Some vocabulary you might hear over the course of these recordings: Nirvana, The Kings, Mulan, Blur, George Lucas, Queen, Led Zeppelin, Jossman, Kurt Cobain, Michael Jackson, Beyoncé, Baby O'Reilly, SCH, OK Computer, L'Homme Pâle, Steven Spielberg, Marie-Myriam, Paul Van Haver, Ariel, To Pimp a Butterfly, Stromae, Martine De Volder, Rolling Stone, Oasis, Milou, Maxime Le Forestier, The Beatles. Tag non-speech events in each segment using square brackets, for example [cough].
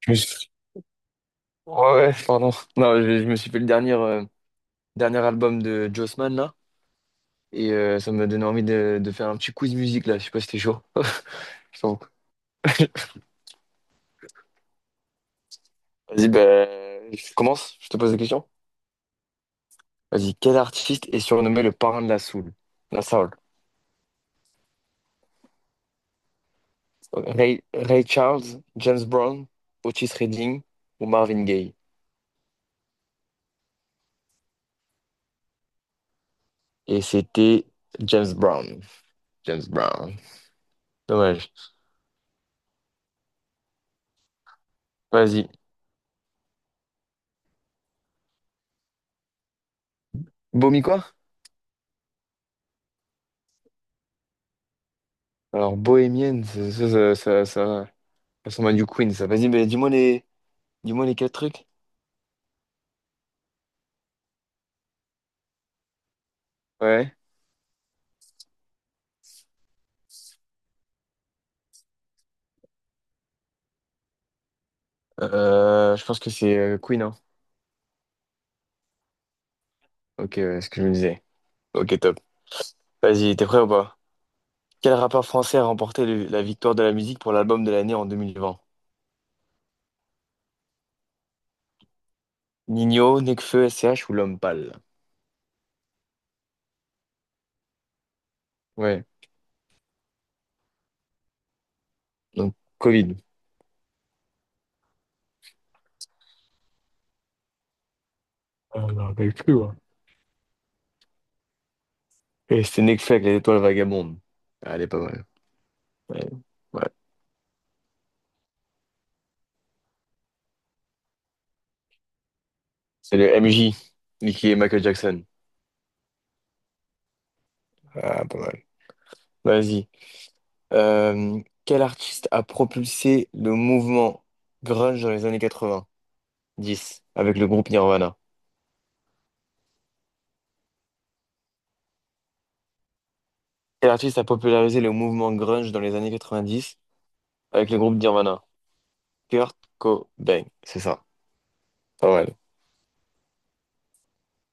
Je me suis- Ouais, ouais, pardon. Non, je me suis fait le dernier, dernier album de Jossman, là. Et ça m'a donné envie de faire un petit quiz musique, là. Je sais pas si t'es chaud. [laughs] Je t'en Vas-y, ben, je commence. Je te pose des questions. Vas-y, quel artiste est surnommé le parrain de la soul? La soul. Ray Charles, James Brown, Otis Redding ou Marvin Gaye? Et c'était James Brown. James Brown. Dommage. Vas-y. Bohmi quoi? Alors, Bohémienne, ça. Son Man U Queen, ça. Vas-y, mais dis-moi les quatre trucs. Ouais. Je pense que c'est Queen, hein. Ok, ouais, ce que je me disais. Ok, top. Vas-y, t'es prêt ou pas? Quel rappeur français a remporté la victoire de la musique pour l'album de l'année en 2020? Nino, Nekfeu, SCH ou L'Homme Pâle? Ouais, donc Covid. Ah, je me rappelle plus, ouais. Et c'était Nekfeu avec les étoiles vagabondes. Ah, elle est pas mal. Ouais. Ouais. C'est le MJ, Nicky et Michael Jackson. Ah, pas mal. Vas-y. Euh, quel artiste a propulsé le mouvement grunge dans les années 90 avec le groupe Nirvana? Quel artiste a popularisé le mouvement grunge dans les années 90 avec le groupe Nirvana? Kurt Cobain, c'est ça. Pas mal.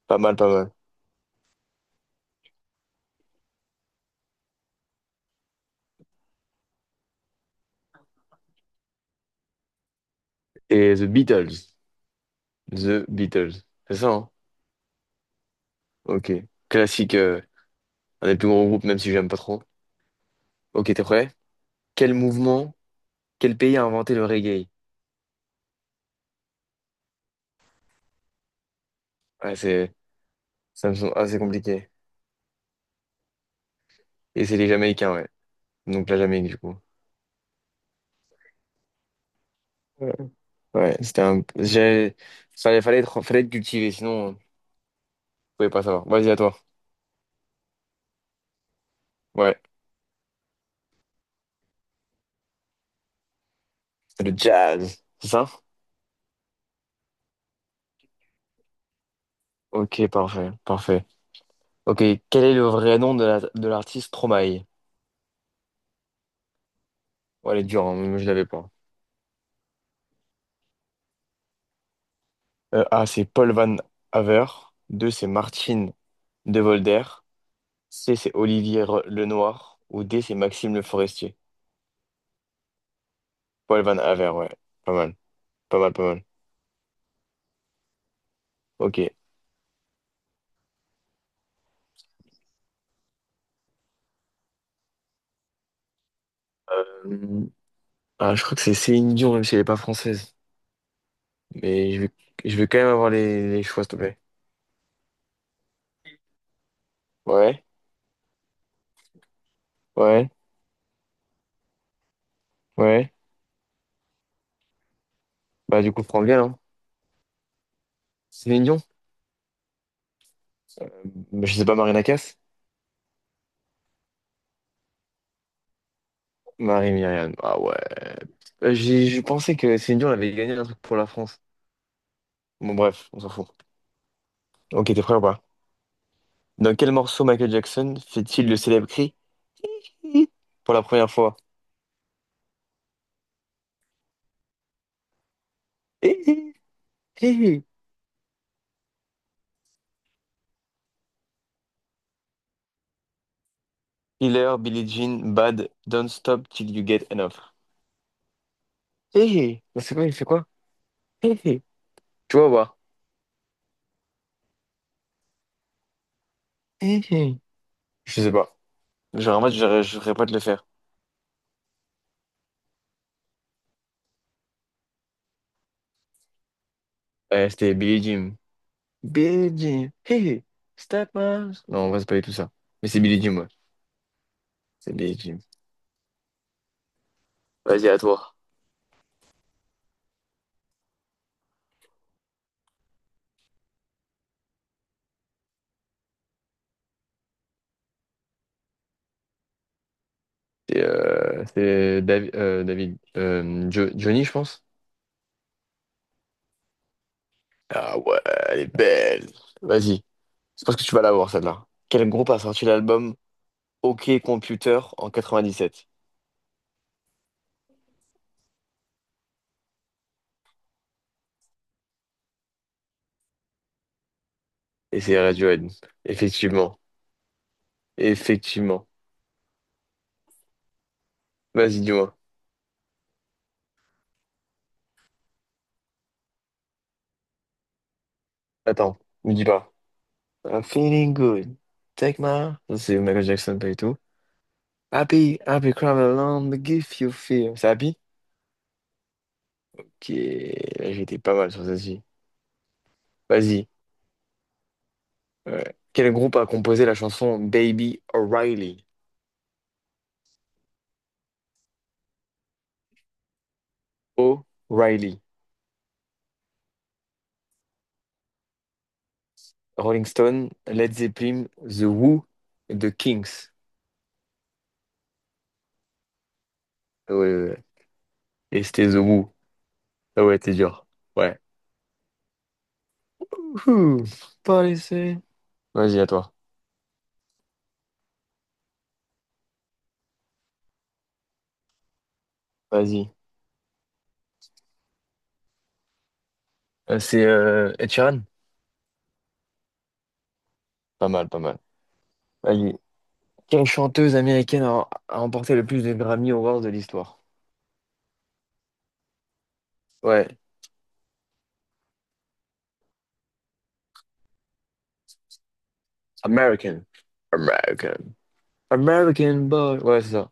Pas mal, pas mal. Et The Beatles. The Beatles. C'est ça, hein? Ok. Classique, un des plus gros groupes, même si j'aime pas trop. Ok, t'es prêt? Quel mouvement, quel pays a inventé le reggae? Ouais, ça me semble assez compliqué. Et c'est les Jamaïcains, ouais. Donc la Jamaïque, du coup. Ouais, c'était un... J'ai... Fallait être, fallait être cultivé, sinon, vous pouvez pas savoir. Vas-y, à toi. Ouais, c'est le jazz, c'est ça? Ok, parfait, parfait. Ok, quel est le vrai nom de de l'artiste Stromae? Ouais, elle est dure, hein, moi je l'avais pas. A, c'est Paul Van Haver. 2, c'est Martine De Volder. C, c'est Olivier Lenoir. Ou D, c'est Maxime Le Forestier. Paul Van Haver, ouais. Pas mal, pas mal, pas mal. Ok. Euh, Ah, je crois que c'est Céline Dion, même si elle est pas française. Mais je veux, je veux quand même avoir les choix, s'il te plaît. Ouais, ouais, ouais. Bah, du coup, prends bien, hein. Céline Dion? Euh, Je sais pas, Marina Casse? Marie-Myriam. Ah ouais. Je pensais que Céline Dion avait gagné un truc pour la France. Bon, bref, on s'en fout. Ok, t'es prêt ou pas? Dans quel morceau Michael Jackson fait-il le célèbre cri pour la première fois? Hé, hé, hé, hé. Killer, Billie Jean, Bad, Don't Stop Till You Get Enough. Hé, hé. Bah, c'est quoi, il fait quoi? Hé, hé. Tu vois, ou pas? Hé, hé. Je sais pas. Genre, en mode, je voudrais pas te le faire. Ouais, c'était Billie Jean. Billie Jean, hey hey, step up. Non, on va se pas tout ça. Mais c'est Billie Jean, ouais. C'est Billie Jean. Vas-y, à toi. C'est David, Johnny, je pense. Ah ouais, elle est belle. Vas-y, je pense que tu vas l'avoir, celle-là. Quel groupe a sorti l'album OK Computer en 97? Et c'est Radiohead. Effectivement. Effectivement. Vas-y, dis-moi. Attends, me dis pas. I'm feeling good. Take my... Ça, c'est Michael Jackson, pas du tout. Happy, Happy Crumble Land, Give You Fear. C'est Happy? Qui est... J'étais pas mal sur celle-ci. Vas-y. Ouais. Quel groupe a composé la chanson Baby O'Reilly? O'Reilly. Rolling Stone, Led Zeppelin, The Who, The Kings. Ah ouais, ouais, ouais. Et c'était The Who. Ah ouais, t'es dur. Ouais. Ouhou. Pas laissé. Vas-y, à toi. Vas-y. C'est Ed Sheeran? Pas mal, pas mal. Vas-y. Quelle chanteuse américaine a remporté le plus de Grammy Awards de l'histoire? Ouais. American. American. American boy. Ouais, c'est ça.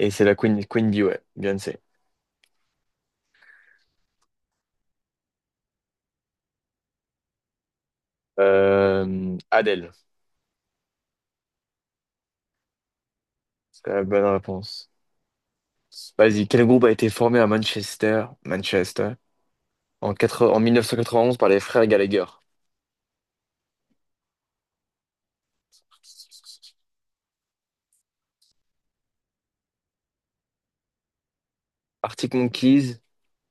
Et c'est la Queen, Queen Bee, ouais, Beyoncé. Adele, c'est la bonne réponse. Vas-y, quel groupe a été formé à Manchester, Manchester, en, quatre, en 1991 par les frères Gallagher? Arctic Monkeys,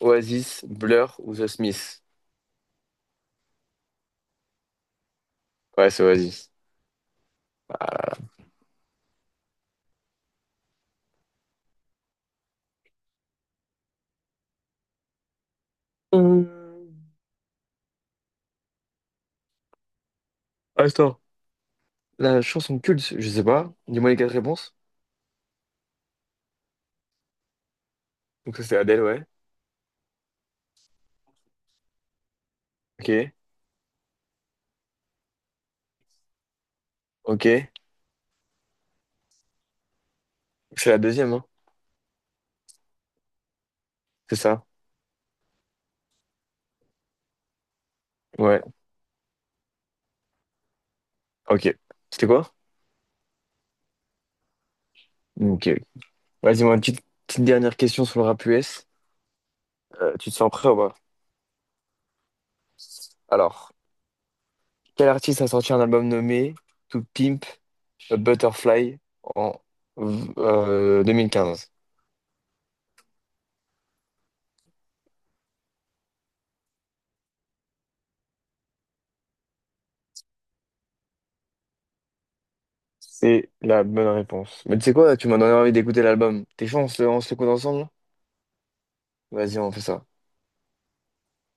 Oasis, Blur ou The Smiths? Ouais, c'est Oasis. Euh, Attends. La chanson culte, je sais pas. Dis-moi les quatre réponses. Donc ça, c'est Adele, ouais. Ok, ok. C'est la deuxième, hein. C'est ça. Ouais, ok. C'était quoi? Ok. Vas-y, moi, une petite dernière question sur le rap US. Tu te sens prêt ou pas? Alors, quel artiste a sorti un album nommé To Pimp a Butterfly en 2015? C'est la bonne réponse. Mais tu sais quoi, tu m'as donné envie d'écouter l'album. T'es chaud, on se l'écoute ensemble? Vas-y, on fait ça.